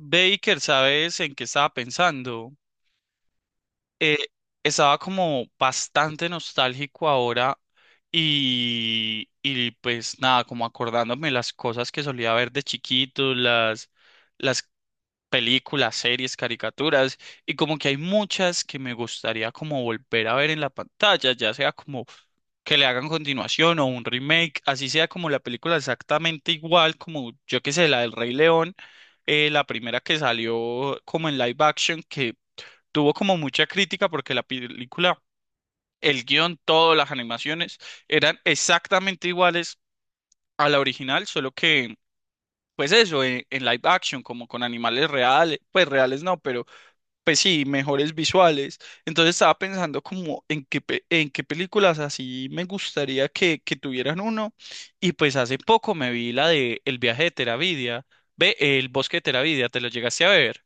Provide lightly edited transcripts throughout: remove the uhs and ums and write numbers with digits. Baker, ¿sabes en qué estaba pensando? Eh, Estaba como bastante nostálgico ahora y pues nada, como acordándome las cosas que solía ver de chiquito, las películas, series, caricaturas, y como que hay muchas que me gustaría como volver a ver en la pantalla, ya sea como que le hagan continuación o un remake, así sea como la película exactamente igual, como yo que sé, la del Rey León, la primera que salió como en live action, que tuvo como mucha crítica porque la película, el guión, todas las animaciones eran exactamente iguales a la original, solo que, pues eso, en live action, como con animales reales, pues reales no, pero pues sí, mejores visuales. Entonces estaba pensando como en qué, en qué películas así me gustaría que tuvieran uno. Y pues hace poco me vi la de El viaje de Teravidia, ve, El bosque de Teravidia, ¿te lo llegaste a ver?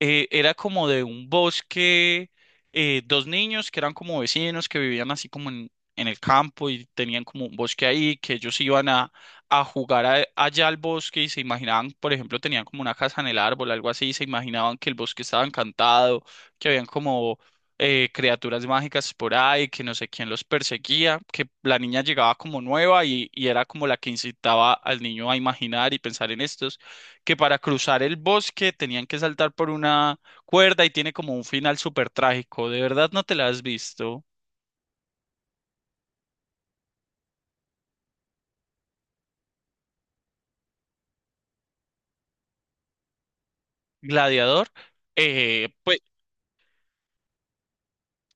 Eh, era como de un bosque, dos niños que eran como vecinos, que vivían así como en el campo y tenían como un bosque ahí, que ellos iban a, allá al bosque y se imaginaban, por ejemplo, tenían como una casa en el árbol, algo así, y se imaginaban que el bosque estaba encantado, que habían como... criaturas mágicas por ahí, que no sé quién los perseguía, que la niña llegaba como nueva y era como la que incitaba al niño a imaginar y pensar en esto que para cruzar el bosque tenían que saltar por una cuerda y tiene como un final súper trágico. ¿De verdad no te la has visto? Gladiador. Eh, pues,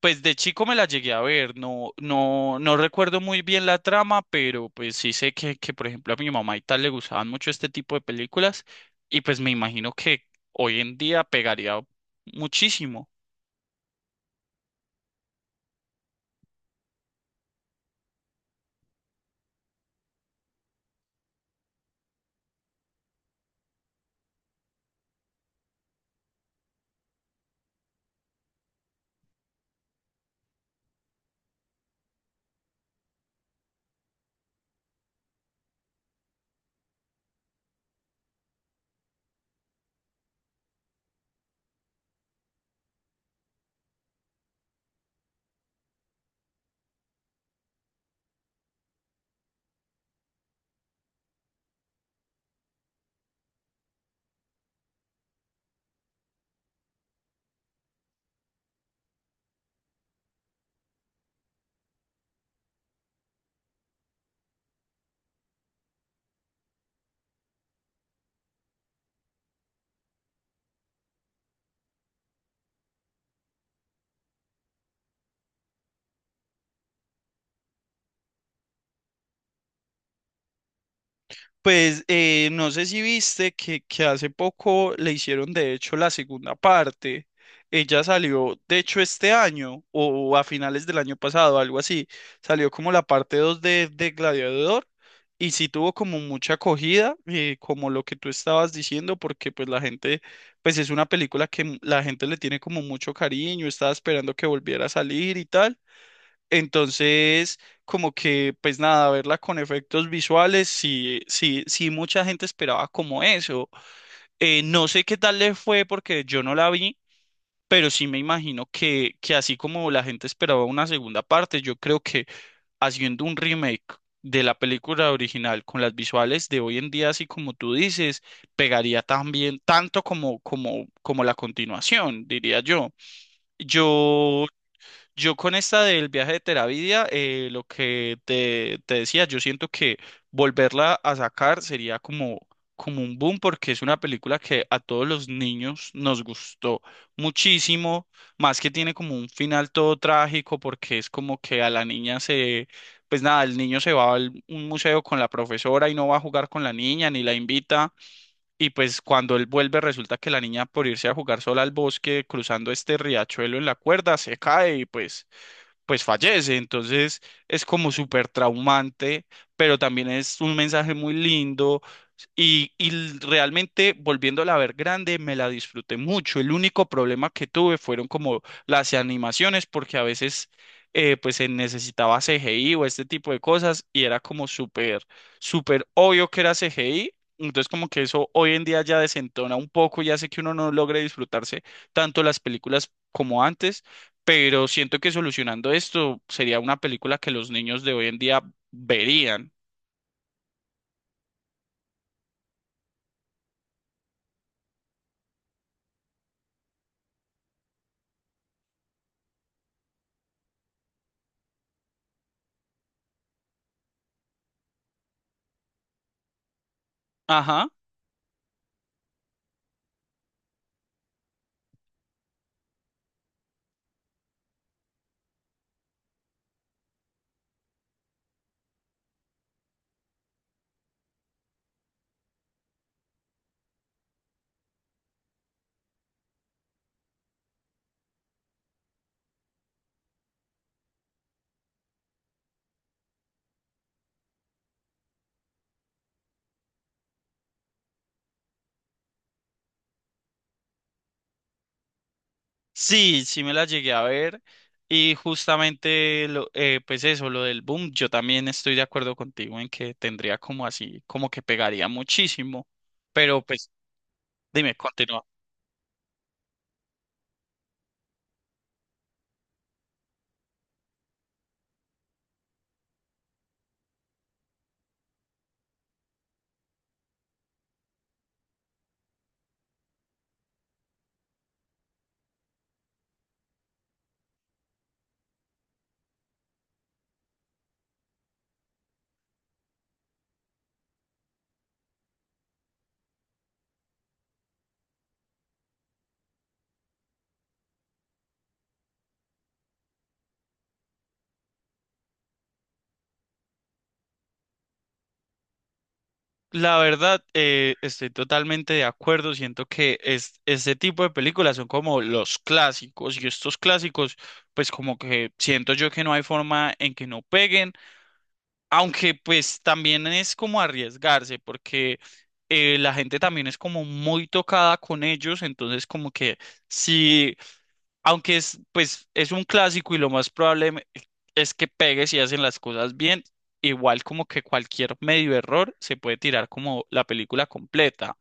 pues de chico me la llegué a ver, no recuerdo muy bien la trama, pero pues sí sé que, por ejemplo, a mi mamá y tal le gustaban mucho este tipo de películas y pues me imagino que hoy en día pegaría muchísimo. Pues no sé si viste que hace poco le hicieron de hecho la segunda parte. Ella salió, de hecho, este año o a finales del año pasado, algo así. Salió como la parte 2 de Gladiador y sí tuvo como mucha acogida, como lo que tú estabas diciendo, porque pues la gente, pues es una película que la gente le tiene como mucho cariño, estaba esperando que volviera a salir y tal. Entonces, como que, pues nada, verla con efectos visuales, sí, sí, sí, mucha gente esperaba como eso. No sé qué tal le fue porque yo no la vi, pero sí me imagino que así como la gente esperaba una segunda parte, yo creo que haciendo un remake de la película original con las visuales de hoy en día, así como tú dices, pegaría también tanto como la continuación, diría yo. Yo yo con esta del viaje de Teravidia, lo que te decía, yo siento que volverla a sacar sería como, como un boom porque es una película que a todos los niños nos gustó muchísimo, más que tiene como un final todo trágico porque es como que a la niña se, pues nada, el niño se va a un museo con la profesora y no va a jugar con la niña ni la invita y pues cuando él vuelve resulta que la niña por irse a jugar sola al bosque cruzando este riachuelo en la cuerda se cae y pues fallece. Entonces es como súper traumante, pero también es un mensaje muy lindo y realmente volviéndola a ver grande, me la disfruté mucho. El único problema que tuve fueron como las animaciones, porque a veces pues se necesitaba CGI o este tipo de cosas y era como súper, súper obvio que era CGI. Entonces como que eso hoy en día ya desentona un poco y hace que uno no logre disfrutarse tanto las películas como antes, pero siento que solucionando esto sería una película que los niños de hoy en día verían. Ajá. Sí, sí me la llegué a ver y justamente lo, pues eso, lo del boom, yo también estoy de acuerdo contigo en que tendría como así, como que pegaría muchísimo, pero pues dime, continúa. La verdad, estoy totalmente de acuerdo, siento que es, este tipo de películas son como los clásicos y estos clásicos, pues como que siento yo que no hay forma en que no peguen. Aunque pues también es como arriesgarse, porque la gente también es como muy tocada con ellos, entonces como que si, aunque es pues es un clásico y lo más probable es que pegue si hacen las cosas bien, igual como que cualquier medio error se puede tirar como la película completa.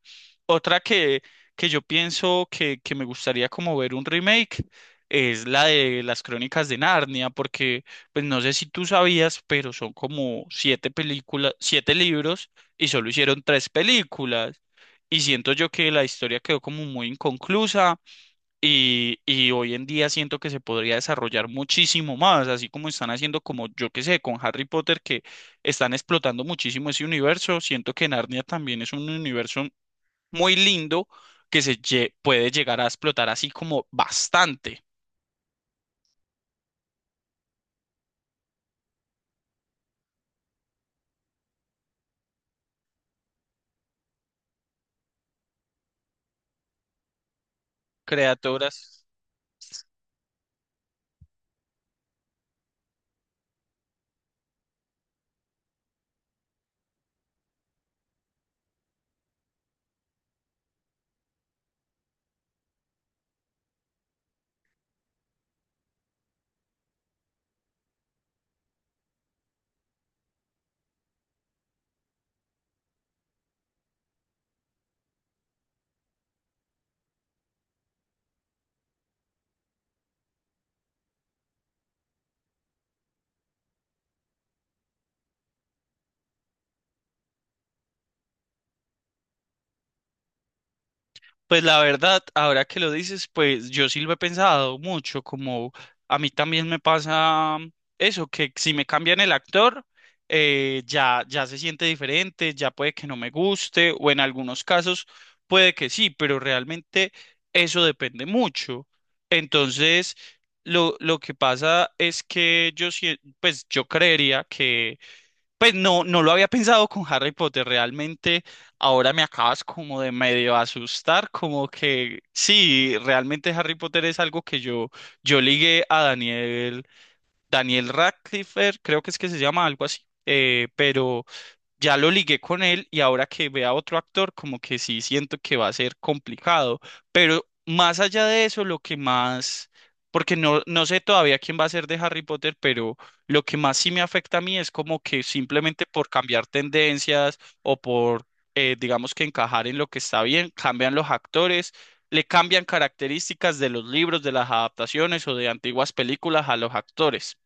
Otra que, que yo pienso que me gustaría como ver un remake es la de las Crónicas de Narnia, porque pues no sé si tú sabías, pero son como siete películas, siete libros y solo hicieron tres películas. Y siento yo que la historia quedó como muy inconclusa y hoy en día siento que se podría desarrollar muchísimo más, así como están haciendo como yo que sé, con Harry Potter que están explotando muchísimo ese universo. Siento que Narnia también es un universo muy lindo que puede llegar a explotar así como bastante creadoras. Pues la verdad, ahora que lo dices, pues yo sí lo he pensado mucho, como a mí también me pasa eso, que si me cambian el actor, ya, ya se siente diferente, ya puede que no me guste, o en algunos casos puede que sí, pero realmente eso depende mucho. Entonces, lo que pasa es que yo, pues yo creería que pues no, no lo había pensado con Harry Potter, realmente ahora me acabas como de medio asustar, como que sí, realmente Harry Potter es algo que yo ligué a Daniel, Daniel Radcliffe, creo que es que se llama algo así, pero ya lo ligué con él y ahora que vea otro actor, como que sí siento que va a ser complicado. Pero más allá de eso, lo que más, porque no, no sé todavía quién va a ser de Harry Potter, pero lo que más sí me afecta a mí es como que simplemente por cambiar tendencias o por, digamos que encajar en lo que está bien, cambian los actores. Le cambian características de los libros, de las adaptaciones o de antiguas películas a los actores.